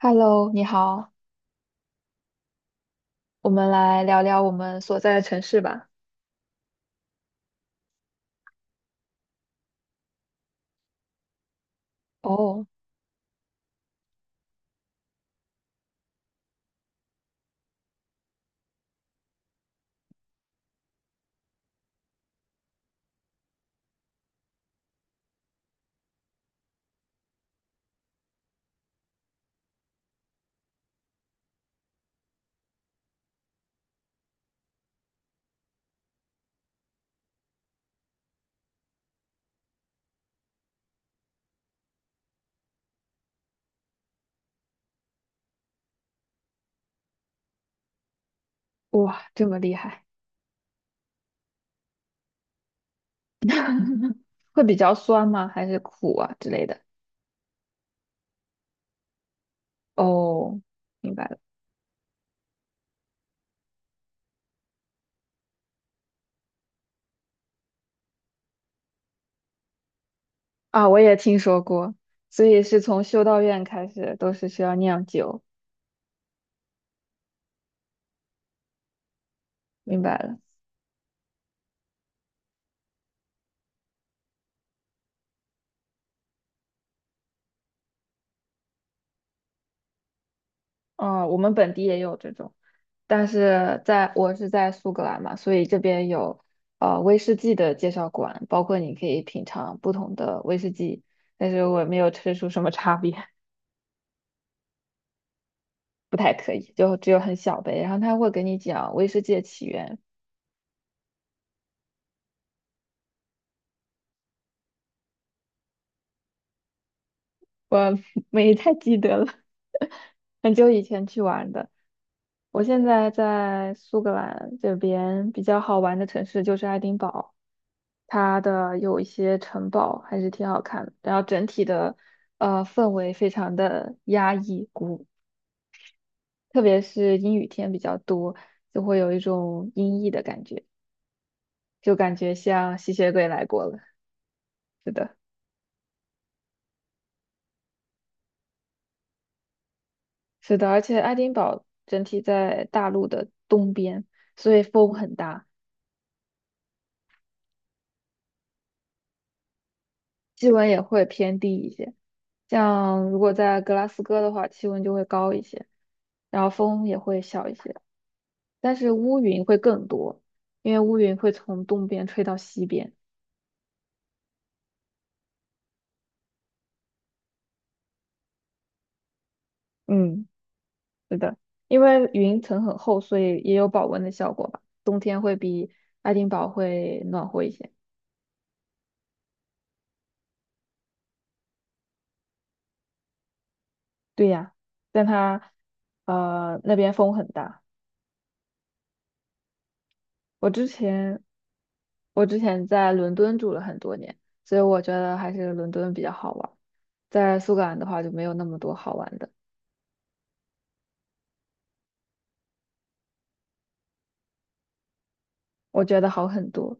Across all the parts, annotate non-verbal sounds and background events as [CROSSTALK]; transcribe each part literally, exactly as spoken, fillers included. Hello，你好，我们来聊聊我们所在的城市吧。哦，哇，这么厉害，会比较酸吗？还是苦啊之类的？哦，明白了。啊，我也听说过，所以是从修道院开始都是需要酿酒，明白了。嗯，我们本地也有这种，但是在我是在苏格兰嘛，所以这边有呃威士忌的介绍馆，包括你可以品尝不同的威士忌，但是我没有吃出什么差别。不太可以，就只有很小杯。然后他会给你讲威士忌的起源，我 [LAUGHS] 没太记得了，[LAUGHS] 很久以前去玩的。我现在在苏格兰这边比较好玩的城市就是爱丁堡，它的有一些城堡还是挺好看的，然后整体的呃氛围非常的压抑鼓，特别是阴雨天比较多，就会有一种阴翳的感觉，就感觉像吸血鬼来过了。是的。是的，而且爱丁堡整体在大陆的东边，所以风很大，气温也会偏低一些。像如果在格拉斯哥的话，气温就会高一些，然后风也会小一些，但是乌云会更多，因为乌云会从东边吹到西边。嗯，是的，因为云层很厚，所以也有保温的效果吧。冬天会比爱丁堡会暖和一些。对呀，但它呃那边风很大。我之前我之前在伦敦住了很多年，所以我觉得还是伦敦比较好玩。在苏格兰的话就没有那么多好玩的，我觉得好很多，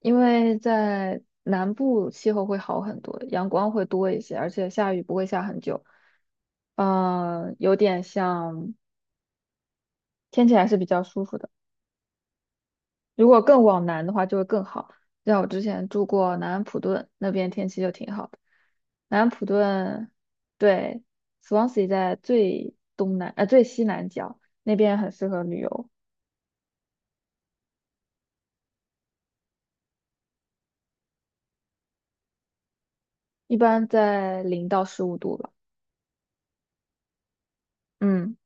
因为在南部气候会好很多，阳光会多一些，而且下雨不会下很久。嗯、有点像天气还是比较舒服的。如果更往南的话，就会更好。像我之前住过南安普顿，那边天气就挺好的。南安普顿，对，Swansea 在最东南，呃，最西南角，那边很适合旅游，一般在零到十五度吧。嗯，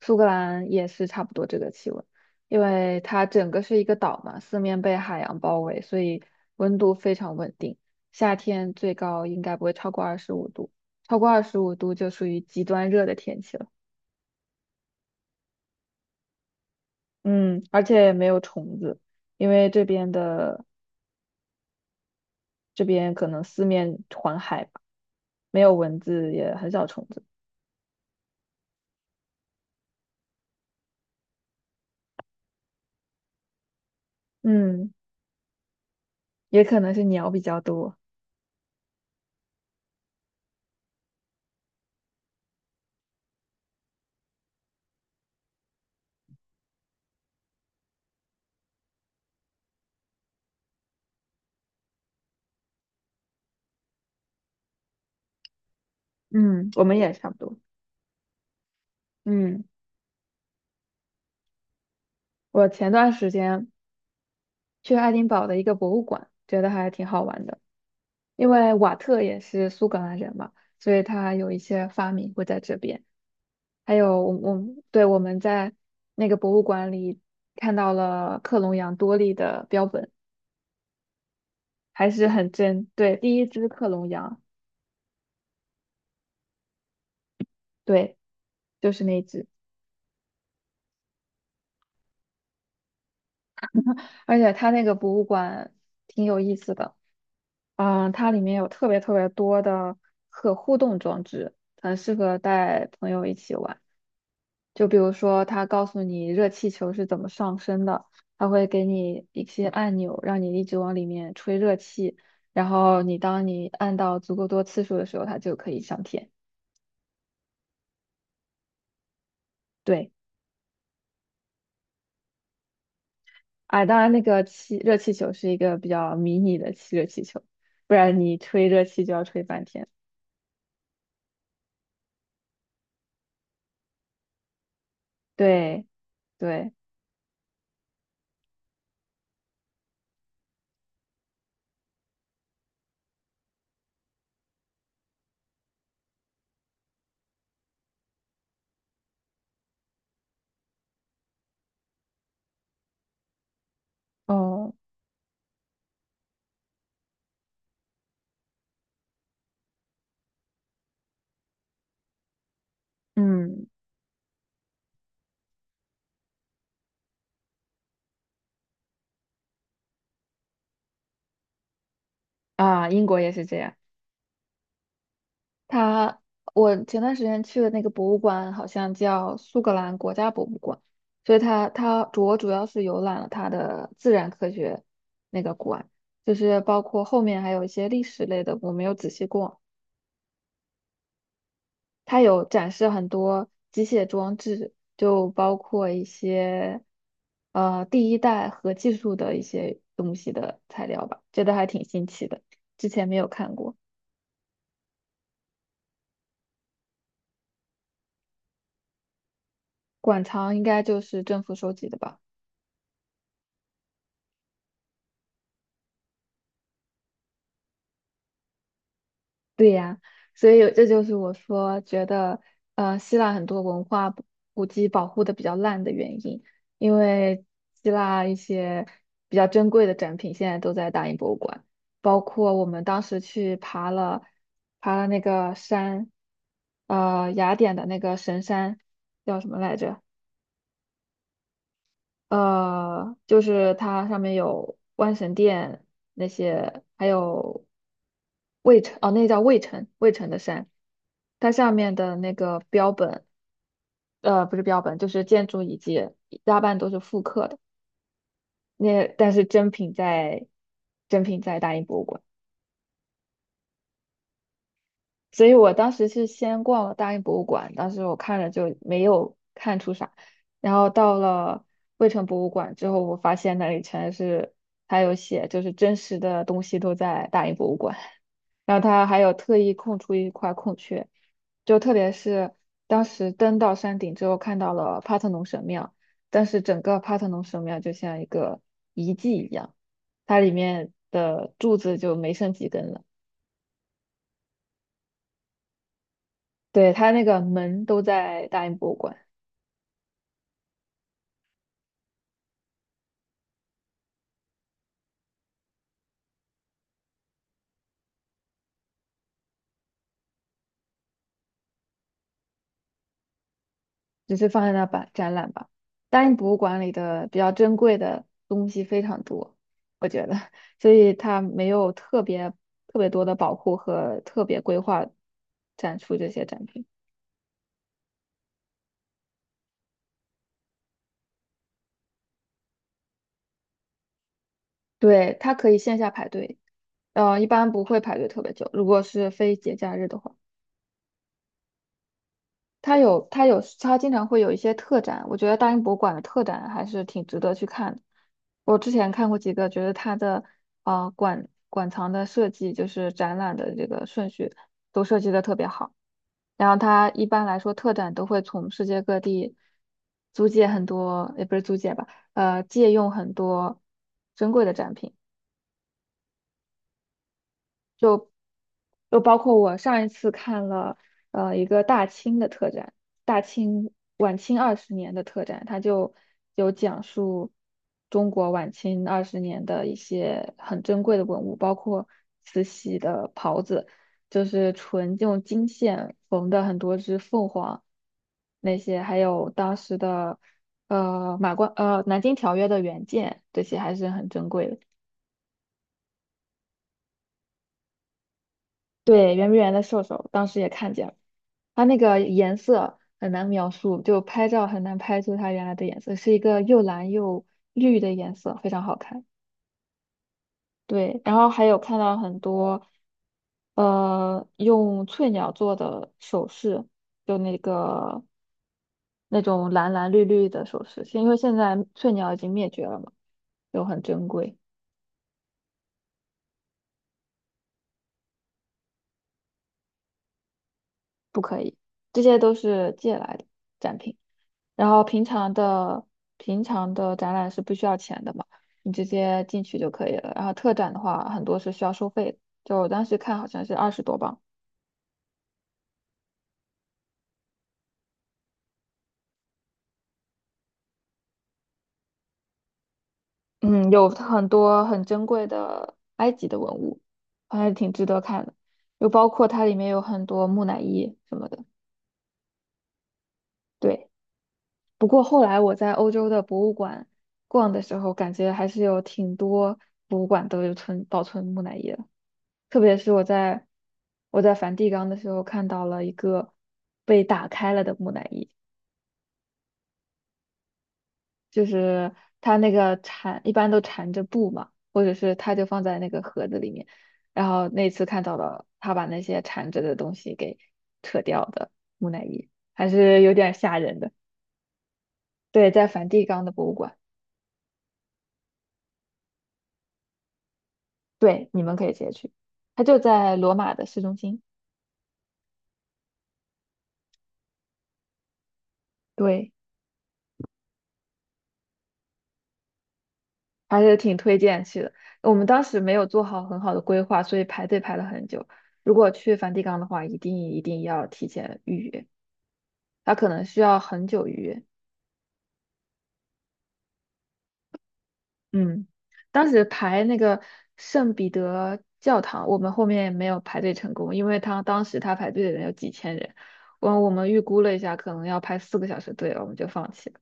苏格兰也是差不多这个气温，因为它整个是一个岛嘛，四面被海洋包围，所以温度非常稳定。夏天最高应该不会超过二十五度，超过二十五度就属于极端热的天气了。嗯，而且也没有虫子，因为这边的这边可能四面环海吧，没有蚊子，也很少虫子。嗯，也可能是鸟比较多。嗯，我们也差不多。嗯，我前段时间去爱丁堡的一个博物馆，觉得还挺好玩的，因为瓦特也是苏格兰人嘛，所以他有一些发明会在这边。还有我我们对我们在那个博物馆里看到了克隆羊多利的标本。还是很真。对，第一只克隆羊，对，就是那只。而且它那个博物馆挺有意思的，嗯，它里面有特别特别多的可互动装置，很适合带朋友一起玩。就比如说，它告诉你热气球是怎么上升的，它会给你一些按钮，让你一直往里面吹热气，然后你当你按到足够多次数的时候，它就可以上天。对。哎，当然，那个气热气球是一个比较迷你的气热气球，不然你吹热气就要吹半天。对对，哦，嗯啊，英国也是这样。它，我前段时间去的那个博物馆好像叫苏格兰国家博物馆，所以它它主我主要是游览了它的自然科学那个馆，就是包括后面还有一些历史类的，我没有仔细逛。它有展示很多机械装置，就包括一些呃第一代核技术的一些东西的材料吧，觉得还挺新奇的，之前没有看过。馆藏应该就是政府收集的吧。对呀，所以这就是我说觉得，呃，希腊很多文化古古迹保护的比较烂的原因，因为希腊一些比较珍贵的展品现在都在大英博物馆，包括我们当时去爬了爬了那个山，呃，雅典的那个神山叫什么来着？呃，就是它上面有万神殿那些，还有魏城，哦，那叫魏城，魏城的山，它上面的那个标本，呃，不是标本，就是建筑遗迹，大半都是复刻的。那但是真品在，真品在大英博物馆。所以我当时是先逛了大英博物馆，当时我看了就没有看出啥，然后到了卫城博物馆之后，我发现那里全是，还有写就是真实的东西都在大英博物馆，然后它还有特意空出一块空缺，就特别是当时登到山顶之后看到了帕特农神庙，但是整个帕特农神庙就像一个遗迹一样，它里面的柱子就没剩几根了。对，它那个门都在大英博物馆，只是放在那吧展览吧。大英博物馆里的比较珍贵的东西非常多，我觉得，[LAUGHS] 所以它没有特别特别多的保护和特别规划展出这些展品。对，它可以线下排队，呃，一般不会排队特别久，如果是非节假日的话。它有它有它经常会有一些特展，我觉得大英博物馆的特展还是挺值得去看的。我之前看过几个，觉得它的啊馆馆藏的设计，就是展览的这个顺序都设计的特别好。然后它一般来说特展都会从世界各地租借很多，也不是租借吧，呃，借用很多珍贵的展品。就包括我上一次看了呃一个大清的特展，大清晚清二十年的特展，它就有讲述中国晚清二十年的一些很珍贵的文物，包括慈禧的袍子，就是纯用金线缝的很多只凤凰，那些还有当时的呃马关呃南京条约的原件，这些还是很珍贵的。对，圆明园的兽首，当时也看见了，它那个颜色很难描述，就拍照很难拍出它原来的颜色，是一个又蓝又绿的颜色，非常好看。对，然后还有看到很多，呃，用翠鸟做的首饰，就那个那种蓝蓝绿绿的首饰，因为现在翠鸟已经灭绝了嘛，就很珍贵。这些都是借来的展品。然后平常的平常的展览是不需要钱的嘛，你直接进去就可以了。然后特展的话，很多是需要收费的，就我当时看好像是二十多磅。嗯，有很多很珍贵的埃及的文物，还是挺值得看的。又包括它里面有很多木乃伊什么的。对，不过后来我在欧洲的博物馆逛的时候，感觉还是有挺多博物馆都有存保存木乃伊的。特别是我在我在梵蒂冈的时候看到了一个被打开了的木乃伊，就是它那个缠一般都缠着布嘛，或者是它就放在那个盒子里面，然后那次看到了他把那些缠着的东西给扯掉的木乃伊，还是有点吓人的。对，在梵蒂冈的博物馆，对，你们可以直接去，它就在罗马的市中心。对。还是挺推荐去的。我们当时没有做好很好的规划，所以排队排了很久。如果去梵蒂冈的话，一定一定要提前预约，它可能需要很久预约。嗯，当时排那个圣彼得教堂，我们后面没有排队成功，因为他当时他排队的人有几千人，我我们预估了一下，可能要排四个小时队了，我们就放弃了。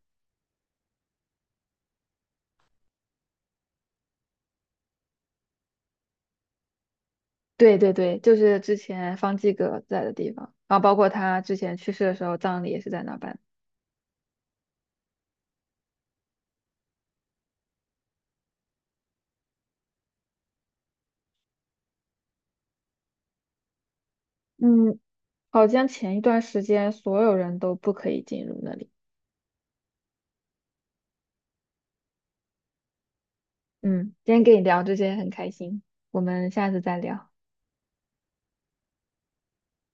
对对对，就是之前方济各在的地方，然后包括他之前去世的时候，葬礼也是在那办。嗯。好像前一段时间所有人都不可以进入那里。嗯，今天跟你聊这些很开心，我们下次再聊。